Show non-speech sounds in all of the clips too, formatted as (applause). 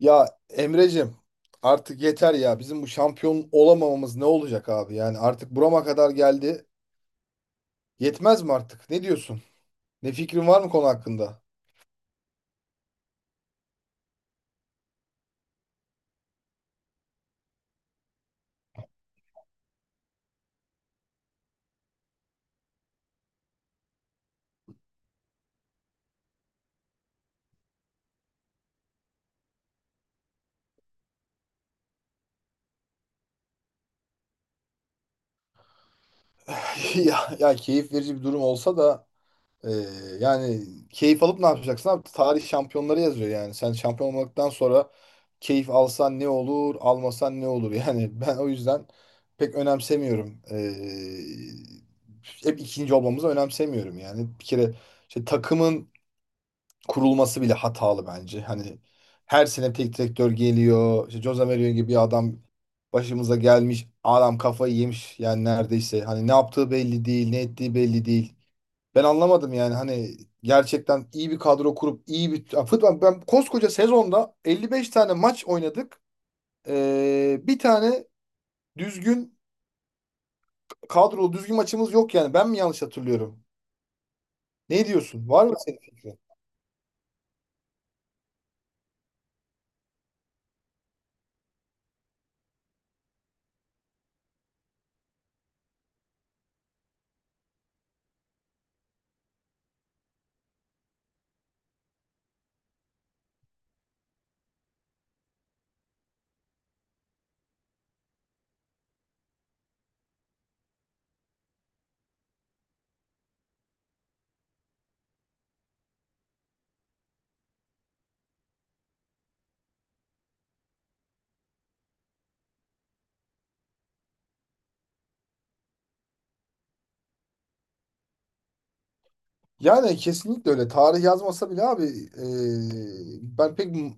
Ya Emre'cim artık yeter ya. Bizim bu şampiyon olamamamız ne olacak abi? Yani artık burama kadar geldi. Yetmez mi artık? Ne diyorsun? Ne fikrin var mı konu hakkında? (laughs) Ya, ya keyif verici bir durum olsa da e, yani keyif alıp ne yapacaksın abi? Tarih şampiyonları yazıyor yani. Sen şampiyon olmaktan sonra keyif alsan ne olur, almasan ne olur? (laughs) Yani ben o yüzden pek önemsemiyorum. E, hep ikinci olmamızı önemsemiyorum yani. Bir kere işte takımın kurulması bile hatalı bence. Hani her sene tek direktör geliyor. İşte Jose Mourinho gibi bir adam başımıza gelmiş. Adam kafayı yemiş yani neredeyse. Hani ne yaptığı belli değil, ne ettiği belli değil. Ben anlamadım yani hani gerçekten iyi bir kadro kurup iyi bir ya futbol ben koskoca sezonda 55 tane maç oynadık. Bir tane düzgün kadrolu düzgün maçımız yok yani. Ben mi yanlış hatırlıyorum? Ne diyorsun? Var mı senin? Yani kesinlikle öyle. Tarih yazmasa bile abi e, ben pek m-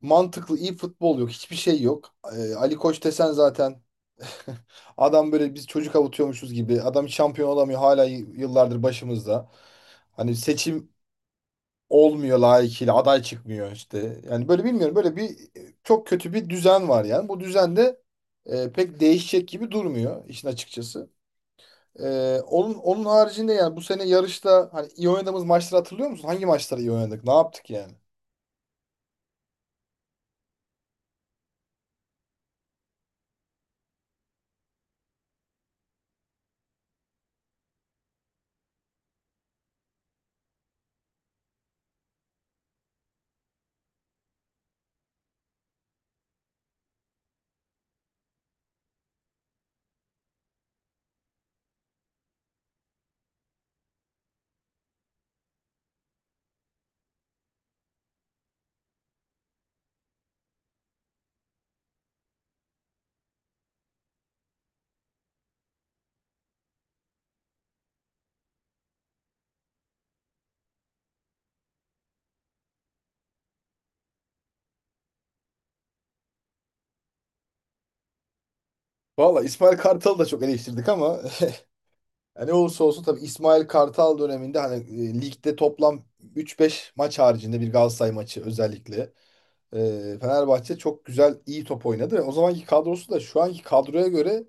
mantıklı iyi futbol yok. Hiçbir şey yok. E, Ali Koç desen zaten (laughs) adam böyle biz çocuk avutuyormuşuz gibi. Adam şampiyon olamıyor hala yıllardır başımızda. Hani seçim olmuyor layıkıyla aday çıkmıyor işte. Yani böyle bilmiyorum böyle bir çok kötü bir düzen var yani. Bu düzen de pek değişecek gibi durmuyor işin açıkçası. Onun haricinde yani bu sene yarışta hani iyi oynadığımız maçları hatırlıyor musun? Hangi maçları iyi oynadık? Ne yaptık yani? Valla İsmail Kartal'ı da çok eleştirdik ama (laughs) yani ne olursa olsun tabii İsmail Kartal döneminde hani ligde toplam 3-5 maç haricinde bir Galatasaray maçı özellikle Fenerbahçe çok güzel iyi top oynadı ve o zamanki kadrosu da şu anki kadroya göre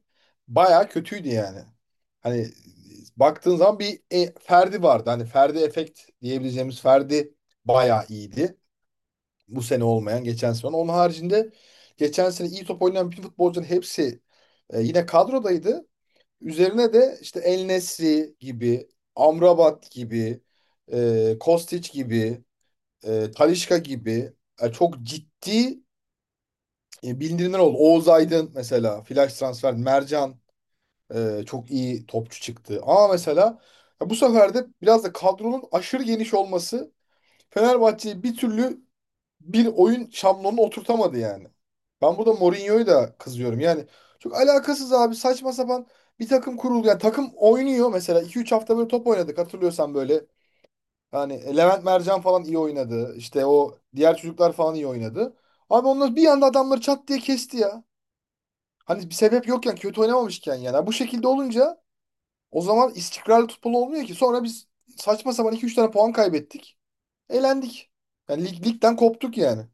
bayağı kötüydü yani. Hani baktığın zaman bir Ferdi vardı. Hani Ferdi efekt diyebileceğimiz Ferdi bayağı iyiydi. Bu sene olmayan geçen sene olan. Onun haricinde geçen sene iyi top oynayan bütün futbolcuların hepsi yine kadrodaydı. Üzerine de işte El Nesri gibi, Amrabat gibi, Kostić gibi, Talisca gibi çok ciddi bildirimler oldu. Oğuz Aydın mesela, flash transfer, Mercan çok iyi topçu çıktı. Ama mesela ya bu sefer de biraz da kadronun aşırı geniş olması Fenerbahçe'yi bir türlü bir oyun şablonunu oturtamadı yani. Ben burada Mourinho'yu da kızıyorum. Yani çok alakasız abi saçma sapan bir takım kuruldu. Yani takım oynuyor mesela iki üç hafta böyle top oynadık hatırlıyorsan böyle. Yani Levent Mercan falan iyi oynadı. İşte o diğer çocuklar falan iyi oynadı. Abi onlar bir anda adamları çat diye kesti ya. Hani bir sebep yokken kötü oynamamışken yani. Bu şekilde olunca o zaman istikrarlı futbol olmuyor ki. Sonra biz saçma sapan iki üç tane puan kaybettik. Elendik. Yani lig, ligden koptuk yani.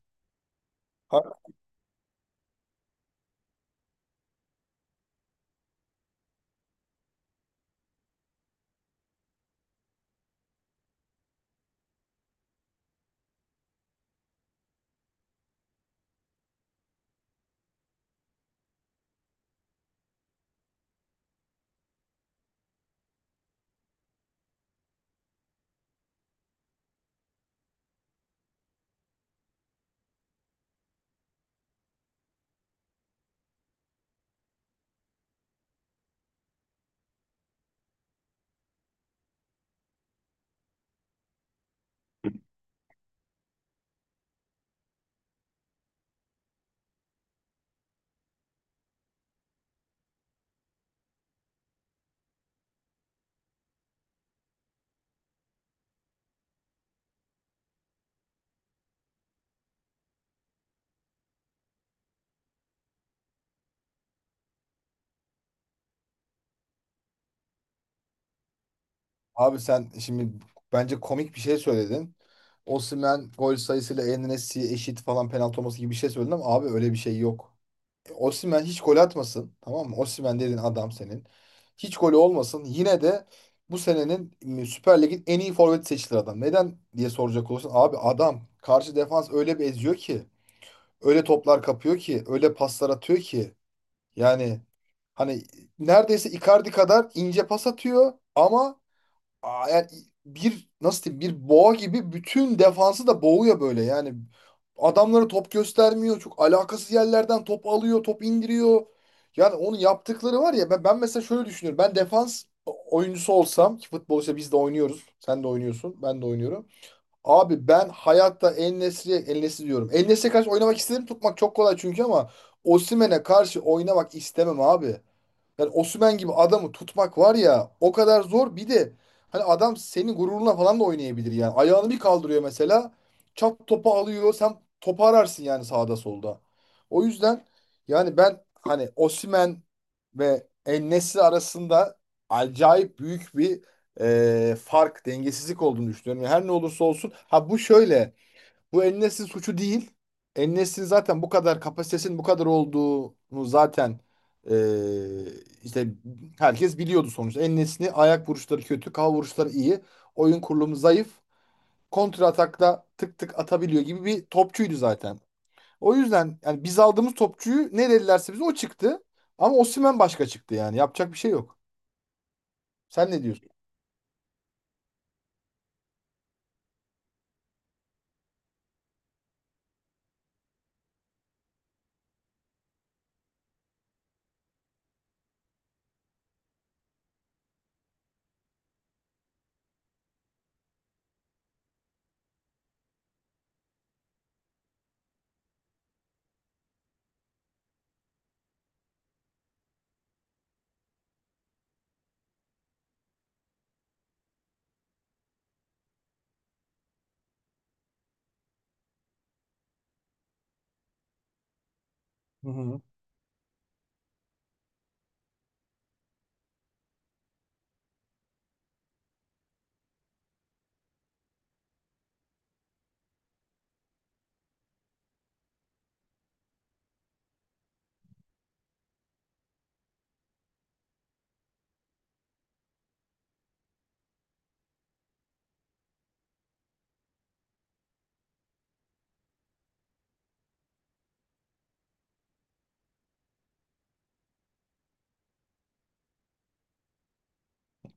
Abi sen şimdi bence komik bir şey söyledin. Osimhen gol sayısıyla En-Nesyri eşit falan penaltı olması gibi bir şey söyledin ama abi öyle bir şey yok. E, Osimhen hiç gol atmasın tamam mı? Osimhen dediğin adam senin. Hiç golü olmasın. Yine de bu senenin Süper Lig'in en iyi forveti seçilir adam. Neden diye soracak olursan abi adam karşı defans öyle bir eziyor ki. Öyle toplar kapıyor ki. Öyle paslar atıyor ki. Yani hani neredeyse Icardi kadar ince pas atıyor ama yani bir nasıl diyeyim bir boğa gibi bütün defansı da boğuyor böyle yani. Adamlara top göstermiyor. Çok alakasız yerlerden top alıyor, top indiriyor. Yani onun yaptıkları var ya ben mesela şöyle düşünüyorum. Ben defans oyuncusu olsam ki futbolda biz de oynuyoruz. Sen de oynuyorsun, ben de oynuyorum. Abi ben hayatta En-Nesyri diyorum. En-Nesyri'ye karşı oynamak istedim. Tutmak çok kolay çünkü ama Osimhen'e karşı oynamak istemem abi. Yani Osimhen gibi adamı tutmak var ya o kadar zor. Bir de hani adam senin gururuna falan da oynayabilir yani. Ayağını bir kaldırıyor mesela. Çat topu alıyor. Sen topu ararsın yani sağda solda. O yüzden yani ben hani Osimhen ve En-Nesyri arasında acayip büyük bir fark, dengesizlik olduğunu düşünüyorum. Yani her ne olursa olsun. Ha bu şöyle. Bu en Nesyri suçu değil. En Nesyri zaten bu kadar kapasitesinin bu kadar olduğunu zaten eee, işte herkes biliyordu sonuçta. En Nesyri ayak vuruşları kötü, kafa vuruşları iyi. Oyun kurulumu zayıf. Kontra atakta tık tık atabiliyor gibi bir topçuydu zaten. O yüzden yani biz aldığımız topçuyu ne dedilerse bize o çıktı. Ama Osimhen başka çıktı yani. Yapacak bir şey yok. Sen ne diyorsun? Hı hı.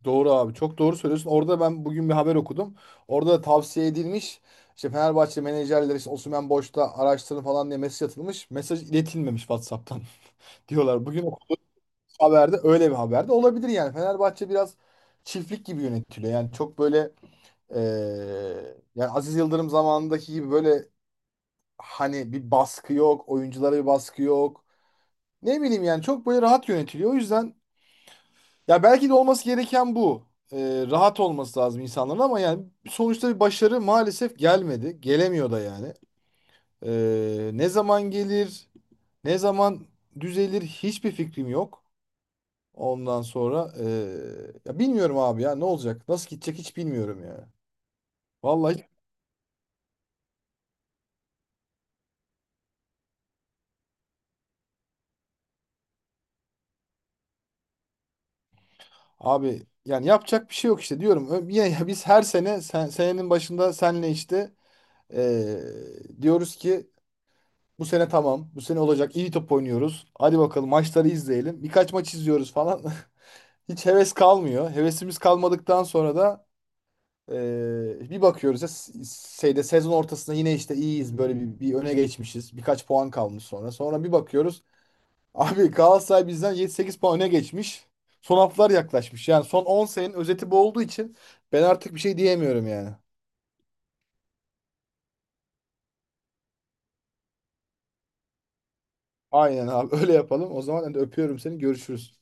Doğru abi çok doğru söylüyorsun. Orada ben bugün bir haber okudum. Orada da tavsiye edilmiş. İşte Fenerbahçe menajerleri işte Osimhen boşta araştırın falan diye mesaj atılmış. Mesaj iletilmemiş WhatsApp'tan (laughs) diyorlar. Bugün o haberde öyle bir haberde olabilir yani. Fenerbahçe biraz çiftlik gibi yönetiliyor. Yani çok böyle yani Aziz Yıldırım zamanındaki gibi böyle hani bir baskı yok. Oyunculara bir baskı yok. Ne bileyim yani çok böyle rahat yönetiliyor. O yüzden ya belki de olması gereken bu. Rahat olması lazım insanların ama yani sonuçta bir başarı maalesef gelmedi. Gelemiyor da yani. Ne zaman gelir, ne zaman düzelir hiçbir fikrim yok. Ondan sonra ya bilmiyorum abi ya ne olacak? Nasıl gidecek hiç bilmiyorum ya. Vallahi hiç- Abi yani yapacak bir şey yok işte diyorum. Yine (laughs) biz her sene senenin başında senle işte ee, diyoruz ki bu sene tamam. Bu sene olacak. İyi top oynuyoruz. Hadi bakalım maçları izleyelim. Birkaç maç izliyoruz falan. (laughs) Hiç heves kalmıyor. Hevesimiz kalmadıktan sonra da bir bakıyoruz ya şeyde sezon ortasında yine işte iyiyiz. Böyle bir öne geçmişiz. Birkaç puan kalmış sonra. Sonra bir bakıyoruz. (laughs) Abi Galatasaray bizden 7-8 puan öne geçmiş. Son haftalar yaklaşmış. Yani son 10 senenin özeti bu olduğu için ben artık bir şey diyemiyorum yani. Aynen abi (laughs) öyle yapalım. O zaman ben de öpüyorum seni. Görüşürüz.